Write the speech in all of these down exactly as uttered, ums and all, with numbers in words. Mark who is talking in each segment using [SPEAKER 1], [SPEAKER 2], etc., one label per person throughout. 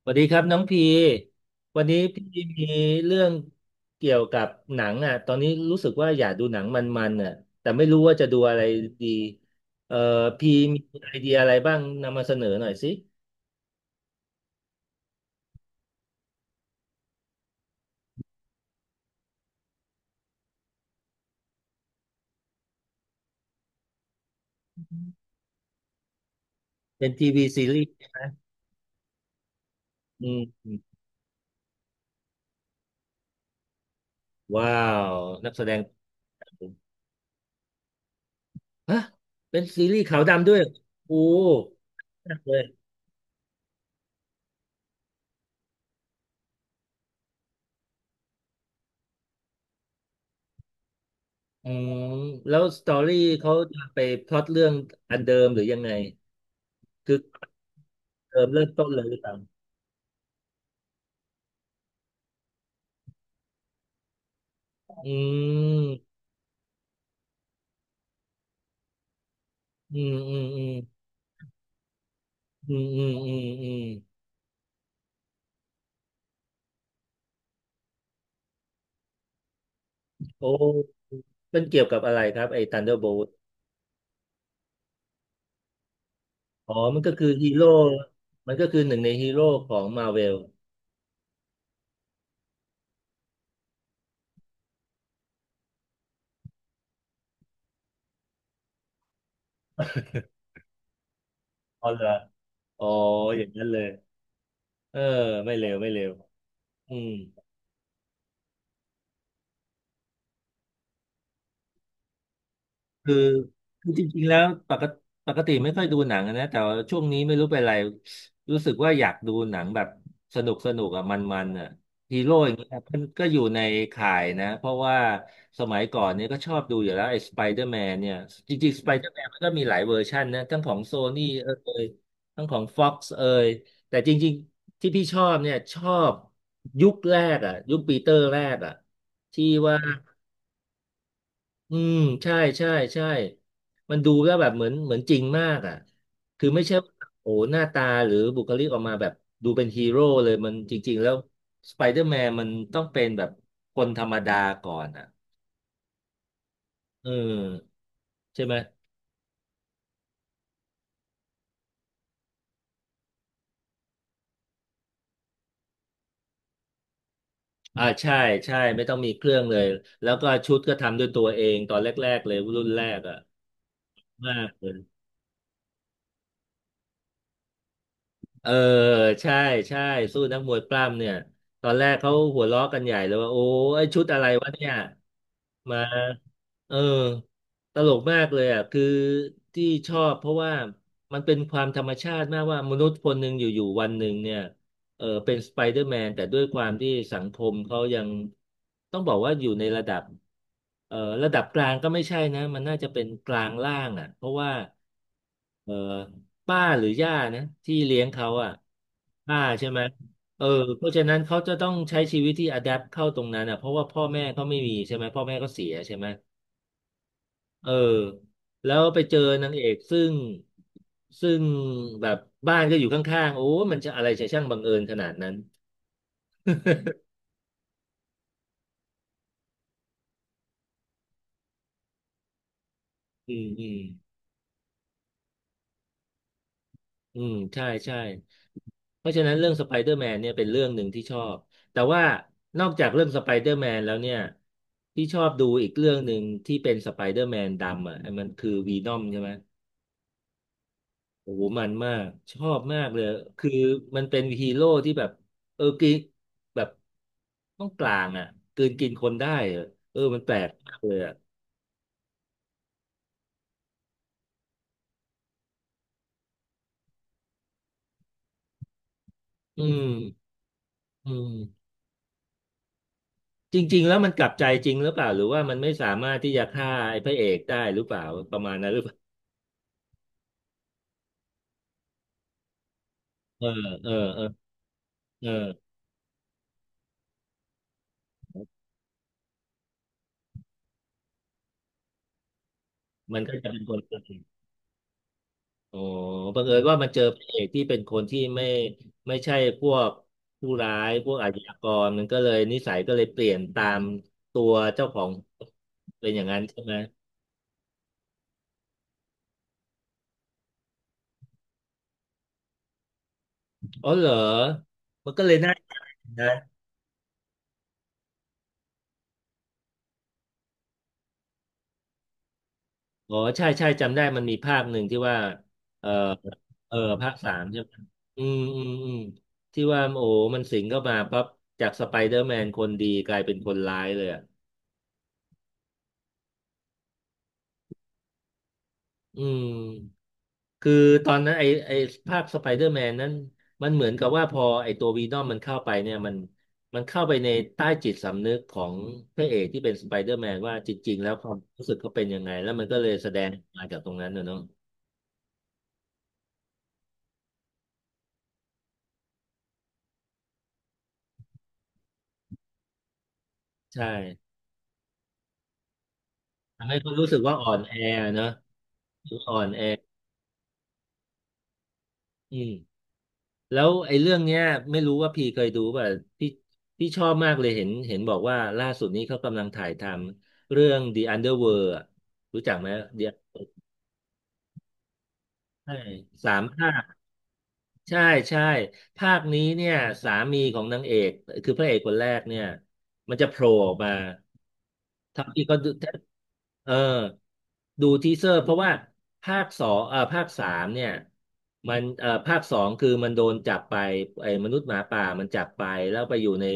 [SPEAKER 1] สวัสดีครับน้องพี วันนี้พี่มีเรื่องเกี่ยวกับหนังอ่ะตอนนี้รู้สึกว่าอยากดูหนังมันๆอ่ะแต่ไม่รู้ว่าจะดูอะไรดีเอ่อพี่มีไอเดียอะไรบ้างนำมาเสนอหน่อยสิเป็นทีวีซีรีส์ใช่ไหมอืมว้าวนักแสดงฮะเป็นซีรีส์ขาวดำด้วยโอ้มากเลยอืมแล้วสตอรี่เขาจะไปพล็อตเรื่องอันเดิมหรือยังไงคือเดิมเริ่มต้นเลยหรือเปล่าอืม อืมอืมอืมอืมอืมอืมอืมโอ้มันเกี่ยวกับอะไรครับไอ้ Thunderbolt อ๋อมันก็คือฮีโร่มันก็คือหนึ่งในฮีโร่ของมาเวลอ๋อเหรออ๋ออย่างนั้นเลยเออไม่เลวไม่เลวอืม คือคือจริงๆแล้วปกติปกติไม่ค่อยดูหนังอะนะแต่ว่าช่วงนี้ไม่รู้เป็นไรรู้สึกว่าอยากดูหนังแบบสนุกสนุกอะมันๆอะฮีโร่อย่างเงี้ยมันก็อยู่ในข่ายนะเพราะว่าสมัยก่อนเนี่ยก็ชอบดูอยู่แล้วไอ้สไปเดอร์แมนเนี่ยจริงๆสไปเดอร์แมนมันก็มีหลายเวอร์ชันนะทั้งของโซนี่เอ่ยทั้งของฟ็อกซ์เอ่ยแต่จริงๆที่พี่ชอบเนี่ยชอบยุคแรกอะยุคปีเตอร์แรกอะที่ว่า อืมใช่ใช่ใช่มันดูแล้วแบบเหมือนเหมือนจริงมากอ่ะคือไม่ใช่ว่าโอ้หน้าตาหรือบุคลิกออกมาแบบดูเป็นฮีโร่เลยมันจริงๆแล้วสไปเดอร์แมนมันต้องเป็นแบบคนธรรมดาก่อนอ่ะเออใช่ไหมอ่าใช่ใช่ไม่ต้องมีเครื่องเลยแล้วก็ชุดก็ทำด้วยตัวเองตอนแรกๆเลยรุ่นแรกอ่ะมากเลยเออใช่ใช่สู้นักมวยปล้ำเนี่ยตอนแรกเขาหัวเราะกันใหญ่เลยว่าโอ้ไอ้ชุดอะไรวะเนี่ยมา เออตลกมากเลยอ่ะ คือที่ชอบเพราะว่ามันเป็นความธรรมชาติมากว่ามนุษย์คนหนึ่งอยู่ๆวันหนึ่งเนี่ยเออเป็นสไปเดอร์แมนแต่ด้วยความที่สังคมเขายังต้องบอกว่าอยู่ในระดับเออระดับกลางก็ไม่ใช่นะมันน่าจะเป็นกลางล่างอ่ะเพราะว่าเออป้าหรือย่านะที่เลี้ยงเขาอ่ะป้าใช่ไหมเออเพราะฉะนั้นเขาจะต้องใช้ชีวิตที่อะแดปเข้าตรงนั้นอ่ะเพราะว่าพ่อแม่เขาไม่มีใช่ไหมพ่อแม่ก็เขาเสียใช่ไหม เออแล้วไปเจอนางเอกซึ่งซึ่งแบบบ้านก็อยู่ข้างๆโอ้มันจะอะไรจะช่างบังเอิญขนาดนั้น อืมอืมอืมใช่ใช่เพราะฉะนั้นเรื่องสไปเดอร์แมนเนี่ยเป็นเรื่องหนึ่งที่ชอบแต่ว่านอกจากเรื่องสไปเดอร์แมนแล้วเนี่ยที่ชอบดูอีกเรื่องหนึ่งที่เป็นสไปเดอร์แมนดำอ่ะมันคือวีนอมใช่ไหม โอ้โหมันมากชอบมากเลยคือมันเป็นฮีโร่ที่แบบเออกินแบบต้องกลางอ่ะกลืนกินคนได้อะเออมันแปลกมากเลยอ่ะอืมอืมจริงๆแล้วมันกลับใจจริงหรือเปล่าหรือว่ามันไม่สามารถที่จะฆ่าไอ้พระเอกได้หรือเปล่าประมาณนั้นหรือเปล่าเออเออเออเออมันก็จะเป็นคน อ๋อบังเอิญว่ามันเจอพระเอกที่เป็นคนที่ไม่ไม่ใช่พวกผู้ร้ายพวกอาชญากรมันก็เลยนิสัยก็เลยเปลี่ยนตามตัวเจ้าของเป็นอย่างนั้นใช่ไหมอ๋อเหรอมันก็เลยน่านะอ๋อใช่ใช่จำได้มันมีภาคหนึ่งที่ว่าเออเออภาคสามใช่ไหมอืมอืมอืมที่ว่าโอ้มันสิงเข้ามาปั๊บจากสไปเดอร์แมนคนดีกลายเป็นคนร้ายเลยอ่ะอืม คือตอนนั้นไอไอภาคสไปเดอร์แมนนั้นมันเหมือนกับว่าพอไอตัววีนอมมันเข้าไปเนี่ยมันมันเข้าไปในใต้จิตสำนึกของพระเอกที่เป็นสไปเดอร์แมนว่าจริงๆแล้วความรู้สึกเขาเป็นยังไงแล้วมันก็เลยแสดงมาจากตรงนั้นน่ะเนาะใช่ทำให้เขารู้สึกว่าอ่อนแอเนาะอ่อนแออืมแล้วไอ้เรื่องเนี้ยไม่รู้ว่าพี่เคยดูป่ะพี่พี่ชอบมากเลยเห็นเห็นบอกว่าล่าสุดนี้เขากำลังถ่ายทำเรื่อง The Underworld อะรู้จักไหม The ใช่สามภาค ใช่ใช่ภาคนี้เนี่ยสามีของนางเอกคือพระเอกคนแรกเนี่ยมันจะโผล่ออกมา ทำที่ก็ดูเออดูทีเซอร์เพราะว่าภาคสองเอ่อภาคสามเนี่ยมันเอ่อภาคสองคือมันโดนจับไปไอ้มนุษย์หมาป่ามันจับไปแล้วไปอยู่ใน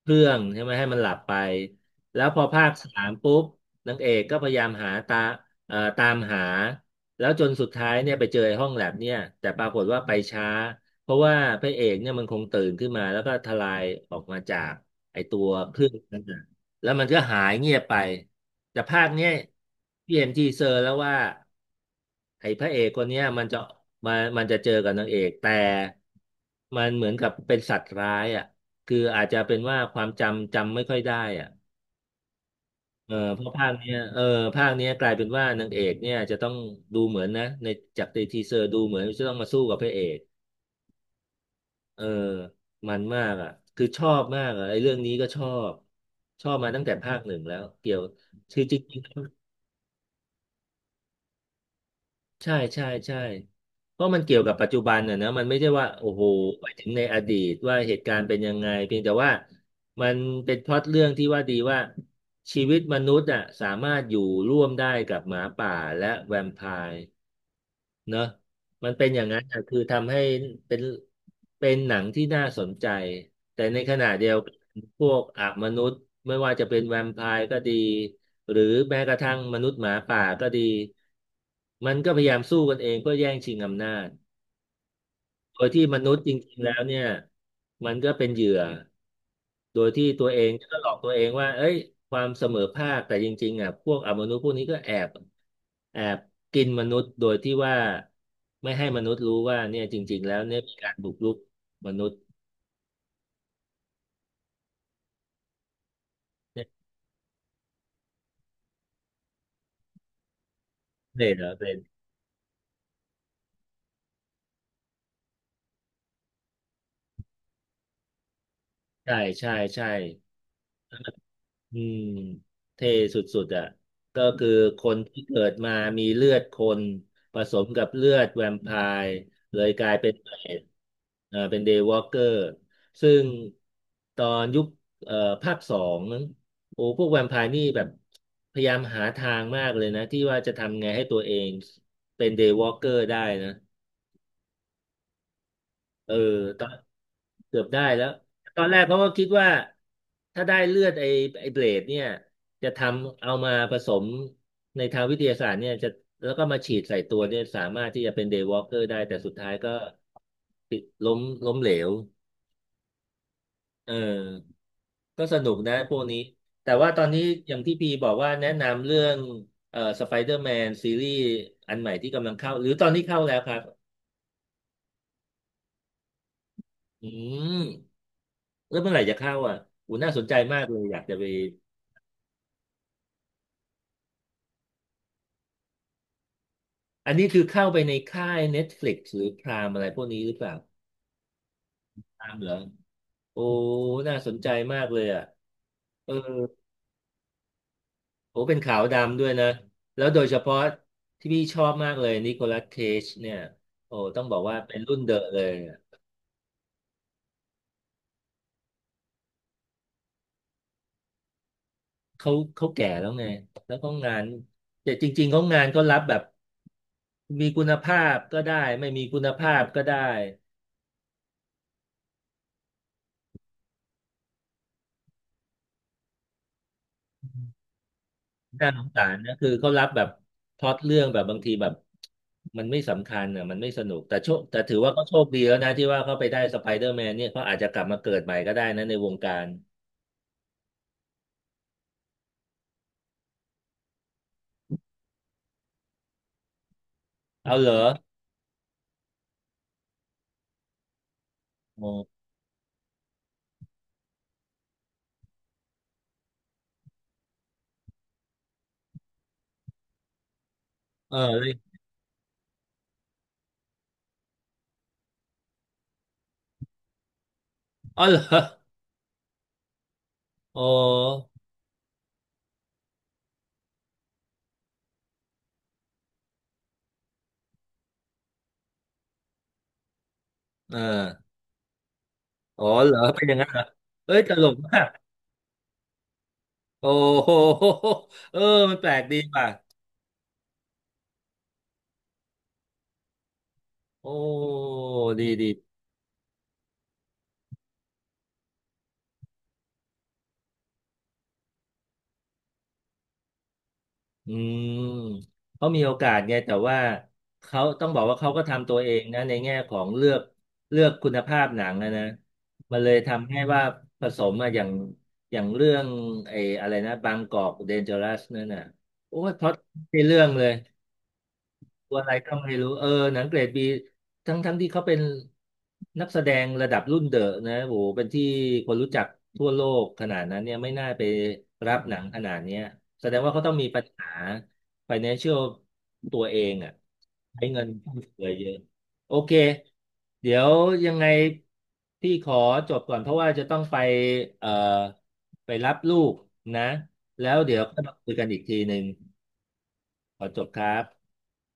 [SPEAKER 1] เครื่องใช่ไหมให้มันหลับไปแล้วพอภาคสามปุ๊บนางเอกก็พยายามหาตาเอ่อตามหาแล้วจนสุดท้ายเนี่ยไปเจอไอ้ห้องแลบเนี่ยแต่ปรากฏว่าไปช้าเพราะว่าพระเอกเนี่ยมันคงตื่นขึ้นมาแล้วก็ทลายออกมาจากไอ้ตัวเครื่องนั้น แล้วมันก็หายเงียบไปแต่ภาคเนี้ยพี่เห็นทีเซอร์แล้วว่าไอ้พระเอกคนเนี้ยมันจะมันมันจะเจอกับนางเอกแต่มันเหมือนกับเป็นสัตว์ร้ายอ่ะคืออาจจะเป็นว่าความจำจำไม่ค่อยได้อ่ะเออเพราะภาคเนี้ยเออภาคเนี้ยกลายเป็นว่านางเอกเนี่ยจะต้องดูเหมือนนะในจากในทีเซอร์ดูเหมือนจะต้องมาสู้กับพระเอกเออมันมากอ่ะคือชอบมากอ่ะไอ้เรื่องนี้ก็ชอบชอบมาตั้งแต่ภาคหนึ่งแล้วเกี่ยวคือจริง ใช่ใช่ใช่เพราะมันเกี่ยวกับปัจจุบันน่ะนะมันไม่ใช่ว่าโอ้โหไปถึงในอดีตว่าเหตุการณ์เป็นยังไงเพียงแต่ว่ามันเป็นพล็อตเรื่องที่ว่าดีว่าชีวิตมนุษย์อ่ะสามารถอยู่ร่วมได้กับหมาป่าและแวมไพร์ เนอะมันเป็นอย่างนั้นอะคือทำให้เป็นเป็นหนังที่น่าสนใจแต่ในขณะเดียวกันพวกอามนุษย์ไม่ว่าจะเป็นแวมไพร์ก็ดีหรือแม้กระทั่งมนุษย์หมาป่าก็ดีมันก็พยายามสู้กันเองเพื่อแย่งชิงอำนาจโดยที่มนุษย์จริงๆแล้วเนี่ยมันก็เป็นเหยื่อ โดยที่ตัวเองก็หลอกตัวเองว่าเอ้ยความเสมอภาค แต่จริงๆอ่ะพวกอมนุษย์พวกนี้ก็แอบแอบกินมนุษย์โดยที่ว่าไม่ให้มนุษย์รู้ว่าเนี่ยจริงๆ แล้วเนี่ยมีการบุกรุกมนุษย์เนี่ยเหรอเป็นใช่ใช่ใช่ อืมเท่สุดๆอ่ะก็คือคนที่เกิดมามีเลือดคนผสมกับเลือดแวมไพร์เลยกลายเป็นเปรตเอ่อเป็นเดย์วอล์กเกอร์ซึ่งตอนยุคเอ่อภาคสองโอ้พวกแวมไพร์นี่แบบพยายามหาทางมากเลยนะที่ว่าจะทำไงให้ตัวเองเป็นเดย์วอล์กเกอร์ได้นะ เออตอนเกือบได้แล้วตอนแรกเขาก็คิดว่าถ้าได้เลือดไอ้ไอ้เบลดเนี่ยจะทำเอามาผสมในทางวิทยาศาสตร์เนี่ยจะแล้วก็มาฉีดใส่ตัวเนี่ยสามารถที่จะเป็นเดย์วอล์กเกอร์ได้แต่สุดท้ายก็ติดล้มล้มเหลวเออก็สนุกนะพวกนี้แต่ว่าตอนนี้อย่างที่พีบอกว่าแนะนำเรื่องเอ่อสไปเดอร์แมนซีรีส์อันใหม่ที่กำลังเข้าหรือตอนนี้เข้าแล้วครับอืม แล้วเมื่อไหร่จะเข้าอ่ะอูน่าสนใจมากเลย อยากจะไป อันนี้คือเข้าไปในค่าย เน็ตฟลิกซ์ หรือพรามอะไรพวกนี้หรือเปล่าพรามเหรอโอ้น่าสนใจมากเลยอ่ะเออโอ้เป็นขาวดำด้วยนะ แล้วโดยเฉพาะที่พี่ชอบมากเลยนิโคลัสเคจเนี่ยโอ้ต้องบอกว่าเป็นรุ่นเดอะเลยอะเขาเขาแก่แล้วไง แล้วเขางานแต่จริงๆเขางานก็รับแบบมีคุณภาพก็ได้ ไม่มีคุณภาพก็ได้ น่าสงสารนะคือเขารับแบบพล็อตเรื่องแบบบางทีแบบมันไม่สำคัญอ่ะมันไม่สนุกแต่โชคแต่ถือว่าเขาโชคดีแล้วนะที่ว่าเขาไปได้สไปเดอร์แมนเนี่ยเขาอาจจะกลับมาเกิดใหม่ก็ได้นะในวงการเอาเหรอโอ้เออเลยอ๋อเหรอโอ้เอออ๋อเหรอเป็นอย่างนั้นเหรอเอ้ยตลกมากโอ้โหเออมันแปลกดีป่ะโอ้ดีดี อืมเขามีโอกาสไงแต่ว่าเขาต้องบอกว่าเขาก็ทำตัวเองนะในแง่ของเลือกเลือกคุณภาพหนังนะนะมันเลยทำให้ว่าผสมอะอย่างอย่างเรื่องไอ้อะไรนะบางกอกเดนเจอรัสนั่นน่ะโอ้ยพล็อตไม่ใช่เรื่องเลย ตัวอะไรก็ไม่รู้เออหนังเกรดบีทั้งทั้งที่เขาเป็นนักแสดงระดับรุ่นเดอะนะโหเป็นที่คนรู้จักทั่วโลกขนาดนั้นเนี่ยไม่น่าไปรับหนังขนาดเนี้ยแสดงว่าเขาต้องมีปัญหา ไฟแนนเชียล ตัวเองอ่ะใช้เงินฟุ่มเฟือยเยอะโอเคเดี๋ยวยังไงพี่ขอจบก่อนเพราะว่าจะต้องไปเอ่อไปรับลูกนะแล้วเดี๋ยวก็มาคุยกันอีกทีหนึ่งขอจบครับ